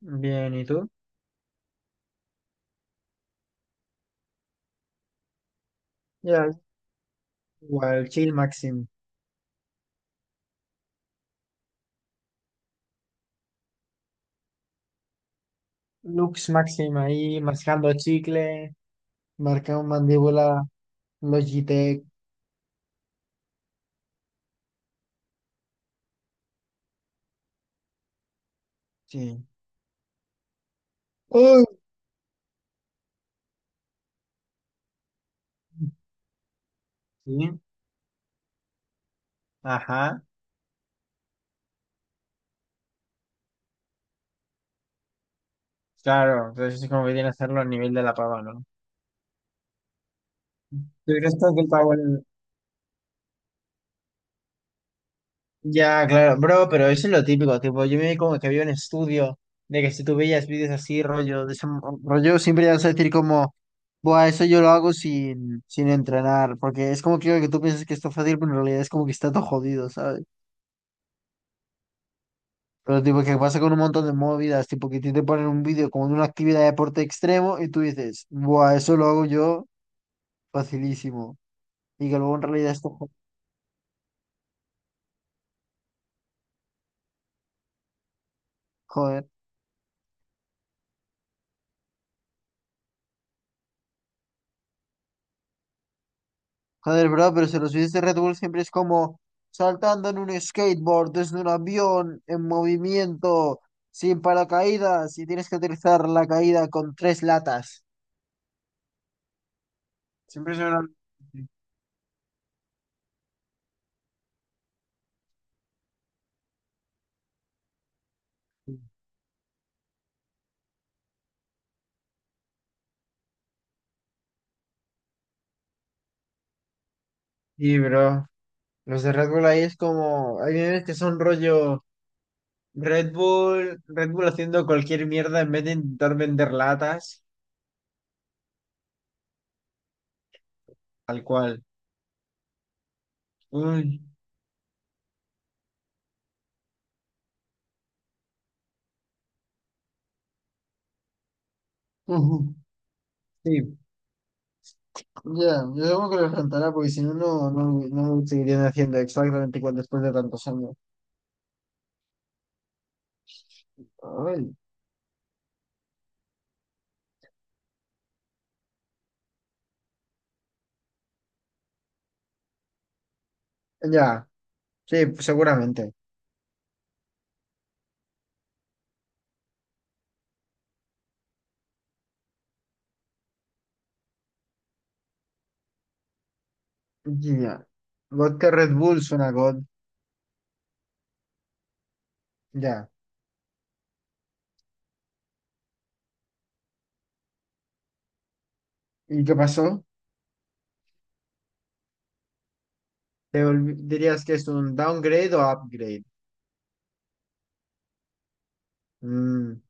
Bien, ¿y tú? Ya, igual, chill máximo. Lux máximo ahí, mascando chicle, marcando mandíbula, Logitech. Sí. ¡Uy! Sí, ajá. Claro, entonces es como que tiene que hacerlo a nivel de la pava, ¿no? ¿Tú crees que el pavo? Ya, claro, bro, pero eso es lo típico, tipo, yo me vi como que había un estudio de que si tú veías vídeos así, rollo, de ese rollo, siempre ibas a decir como, buah, eso yo lo hago sin entrenar, porque es como que tú piensas que está fácil, pero en realidad es como que está todo jodido, ¿sabes? Pero tipo, que pasa con un montón de movidas, tipo, que a ti te ponen un vídeo como de una actividad de deporte extremo y tú dices, buah, eso lo hago yo facilísimo, y que luego en realidad está jodido. Joder, bro, pero si los vídeos de Red Bull siempre es como saltando en un skateboard, desde un avión, en movimiento, sin paracaídas, y tienes que utilizar la caída con tres latas. Siempre son una... Y, bro, los de Red Bull ahí es como... Hay veces que son rollo Red Bull, Red Bull haciendo cualquier mierda en vez de intentar vender latas, tal cual. Uy. Ujú. Sí. Ya, yo supongo que les rentará, porque si no seguirían haciendo exactamente igual después de tantos años. Ay. Ya, sí, seguramente. Ya. Vodka Red Bull suena God. Ya. ¿Y qué pasó? ¿Te dirías que es un downgrade o upgrade? Mm,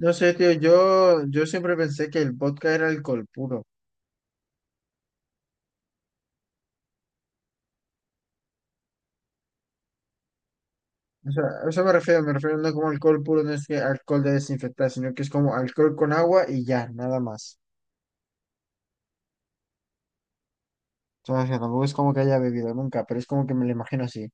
No sé, tío, yo siempre pensé que el vodka era alcohol puro. O sea, a eso me refiero, me refiero, no como alcohol puro, no es que alcohol de desinfectar, sino que es como alcohol con agua y ya, nada más. O sea, tampoco es como que haya bebido nunca, pero es como que me lo imagino así.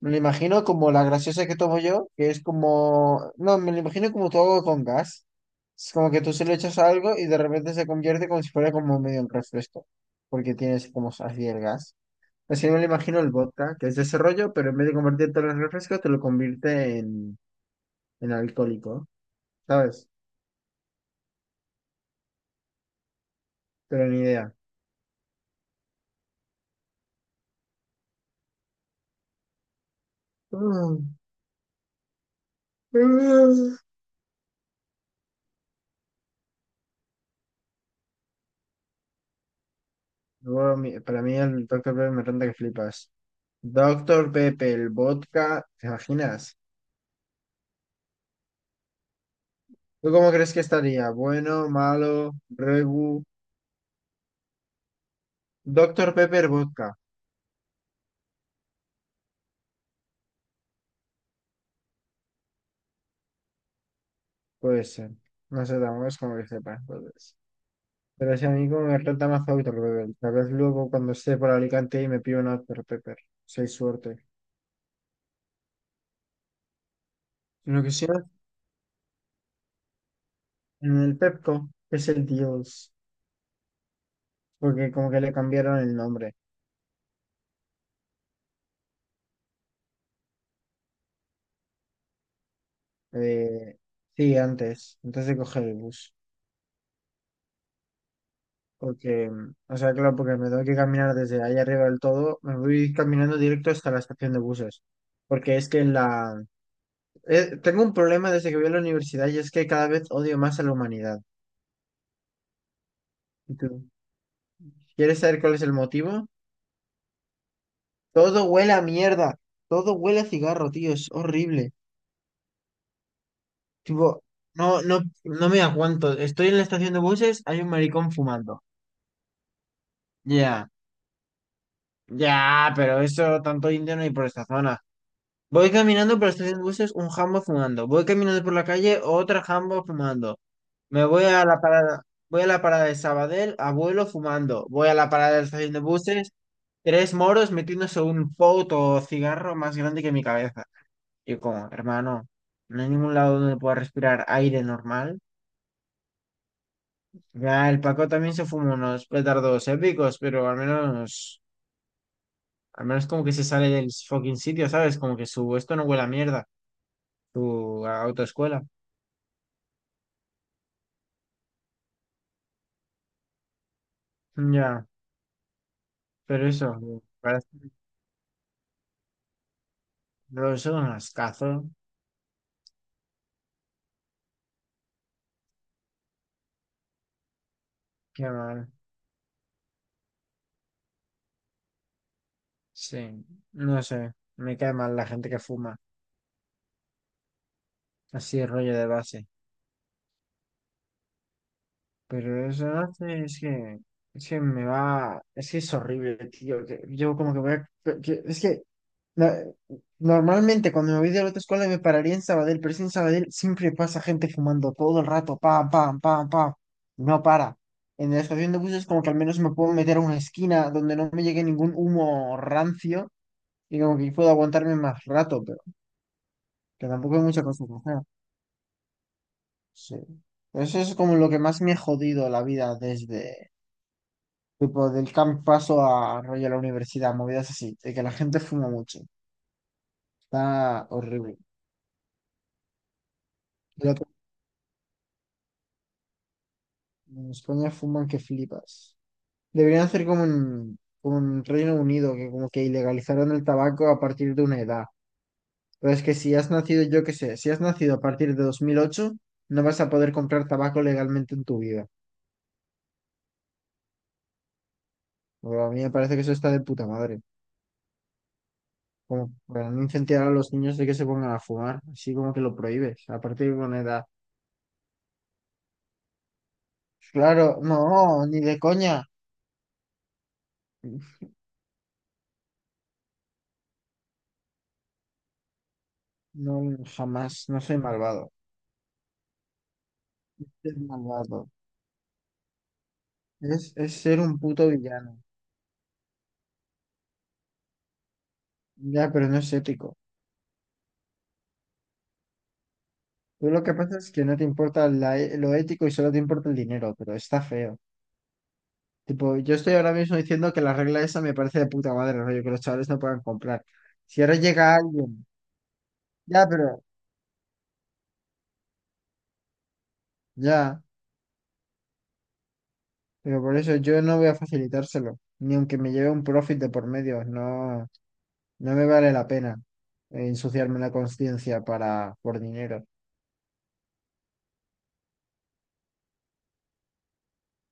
Me lo imagino como la graciosa que tomo yo, que es como... No, me lo imagino como todo con gas. Es como que tú se lo echas a algo y de repente se convierte como si fuera como medio un refresco, porque tienes como así el gas. Así me lo imagino el vodka, que es de ese rollo, pero en vez de convertirte en refresco, te lo convierte en alcohólico, ¿sabes? Pero ni idea. Mm. Luego, para mí el Doctor Pepe me renta que flipas. Doctor Pepe el vodka, ¿te imaginas? ¿Tú cómo crees que estaría? ¿Bueno, malo, regu? Doctor Pepe el vodka. Puede ser. No sé, tampoco es como que sepa, entonces. Pero si a mí como me renta más Doctor Pepper. Tal vez luego cuando esté por Alicante y me pido una Dr. Pepper. Soy suerte. Lo que sea, en el Pepco es el Dios. Porque como que le cambiaron el nombre. Eh, sí, antes. Antes de coger el bus. Porque, o sea, claro, porque me tengo que caminar desde ahí arriba del todo, me voy caminando directo hasta la estación de buses. Porque es que la... tengo un problema desde que voy a la universidad y es que cada vez odio más a la humanidad. ¿Y tú? ¿Quieres saber cuál es el motivo? Todo huele a mierda. Todo huele a cigarro, tío. Es horrible. Tipo, no, no, no me aguanto. Estoy en la estación de buses, hay un maricón fumando. Ya, ya, pero eso tanto indio no hay por esta zona. Voy caminando por la estación de buses, un jambo fumando. Voy caminando por la calle, otro jambo fumando. Me voy a la parada, voy a la parada de Sabadell, abuelo fumando. Voy a la parada de la estación de buses, tres moros metiéndose un foto cigarro más grande que mi cabeza. Y como, hermano, no hay ningún lado donde pueda respirar aire normal. Ya el Paco también se fuma unos petardos épicos, pero al menos como que se sale del fucking sitio, ¿sabes? Como que su esto no huele a mierda, su autoescuela. Ya. Pero eso, me parece los son un ascazo. Qué mal. Sí, no sé. Me cae mal la gente que fuma. Así el rollo de base. Pero eso hace es que. Es que me va. Es que es horrible, tío, que yo como que voy a. Es que. na- Normalmente cuando me voy de la otra escuela me pararía en Sabadell, pero es que en Sabadell siempre pasa gente fumando todo el rato. Pam, pam, pam, pam. No para. En la estación de buses como que al menos me puedo meter a una esquina donde no me llegue ningún humo rancio. Y como que puedo aguantarme más rato, pero que tampoco hay mucha cosa que hacer. Sí. Eso es como lo que más me ha jodido la vida desde, tipo, del camp paso a rollo a la universidad, movidas así, de que la gente fuma mucho. Está horrible. Y otro, en España fuman que flipas. Deberían hacer como en Reino Unido, que como que ilegalizaron el tabaco a partir de una edad. Pero es que si has nacido, yo qué sé, si has nacido a partir de 2008 no vas a poder comprar tabaco legalmente en tu vida. Pero a mí me parece que eso está de puta madre. Como para no incentivar a los niños de que se pongan a fumar, así como que lo prohíbes, a partir de una edad. Claro, no, ni de coña. No, jamás, no soy malvado. Es malvado. Es ser un puto villano. Ya, pero no es ético. Tú lo que pasa es que no te importa lo ético y solo te importa el dinero, pero está feo. Tipo, yo estoy ahora mismo diciendo que la regla esa me parece de puta madre, rollo, que los chavales no puedan comprar. Si ahora llega alguien, ya, pero, ya. Pero por eso yo no voy a facilitárselo, ni aunque me lleve un profit de por medio, no, no me vale la pena ensuciarme la conciencia para por dinero.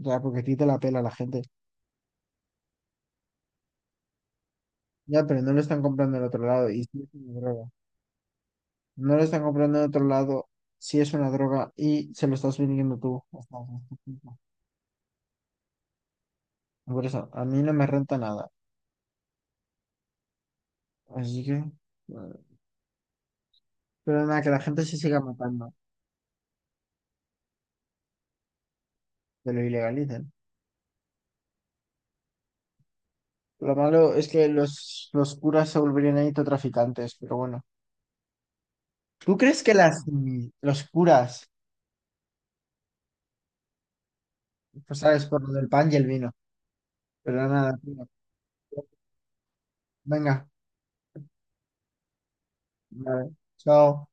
O sea, porque a ti te la pela la gente. Ya, pero no lo están comprando en otro lado y sí es una droga. No lo están comprando en otro lado si es una droga y se lo estás vendiendo tú. Hasta cierto punto. Por eso, a mí no me renta nada. Así que, bueno. Pero nada, que la gente se siga matando, que lo ilegalicen. Lo malo es que los curas se volverían traficantes, pero bueno. ¿Tú crees que los curas, pues sabes, por lo del pan y el vino? Pero nada, tío. Venga, vale. Chao.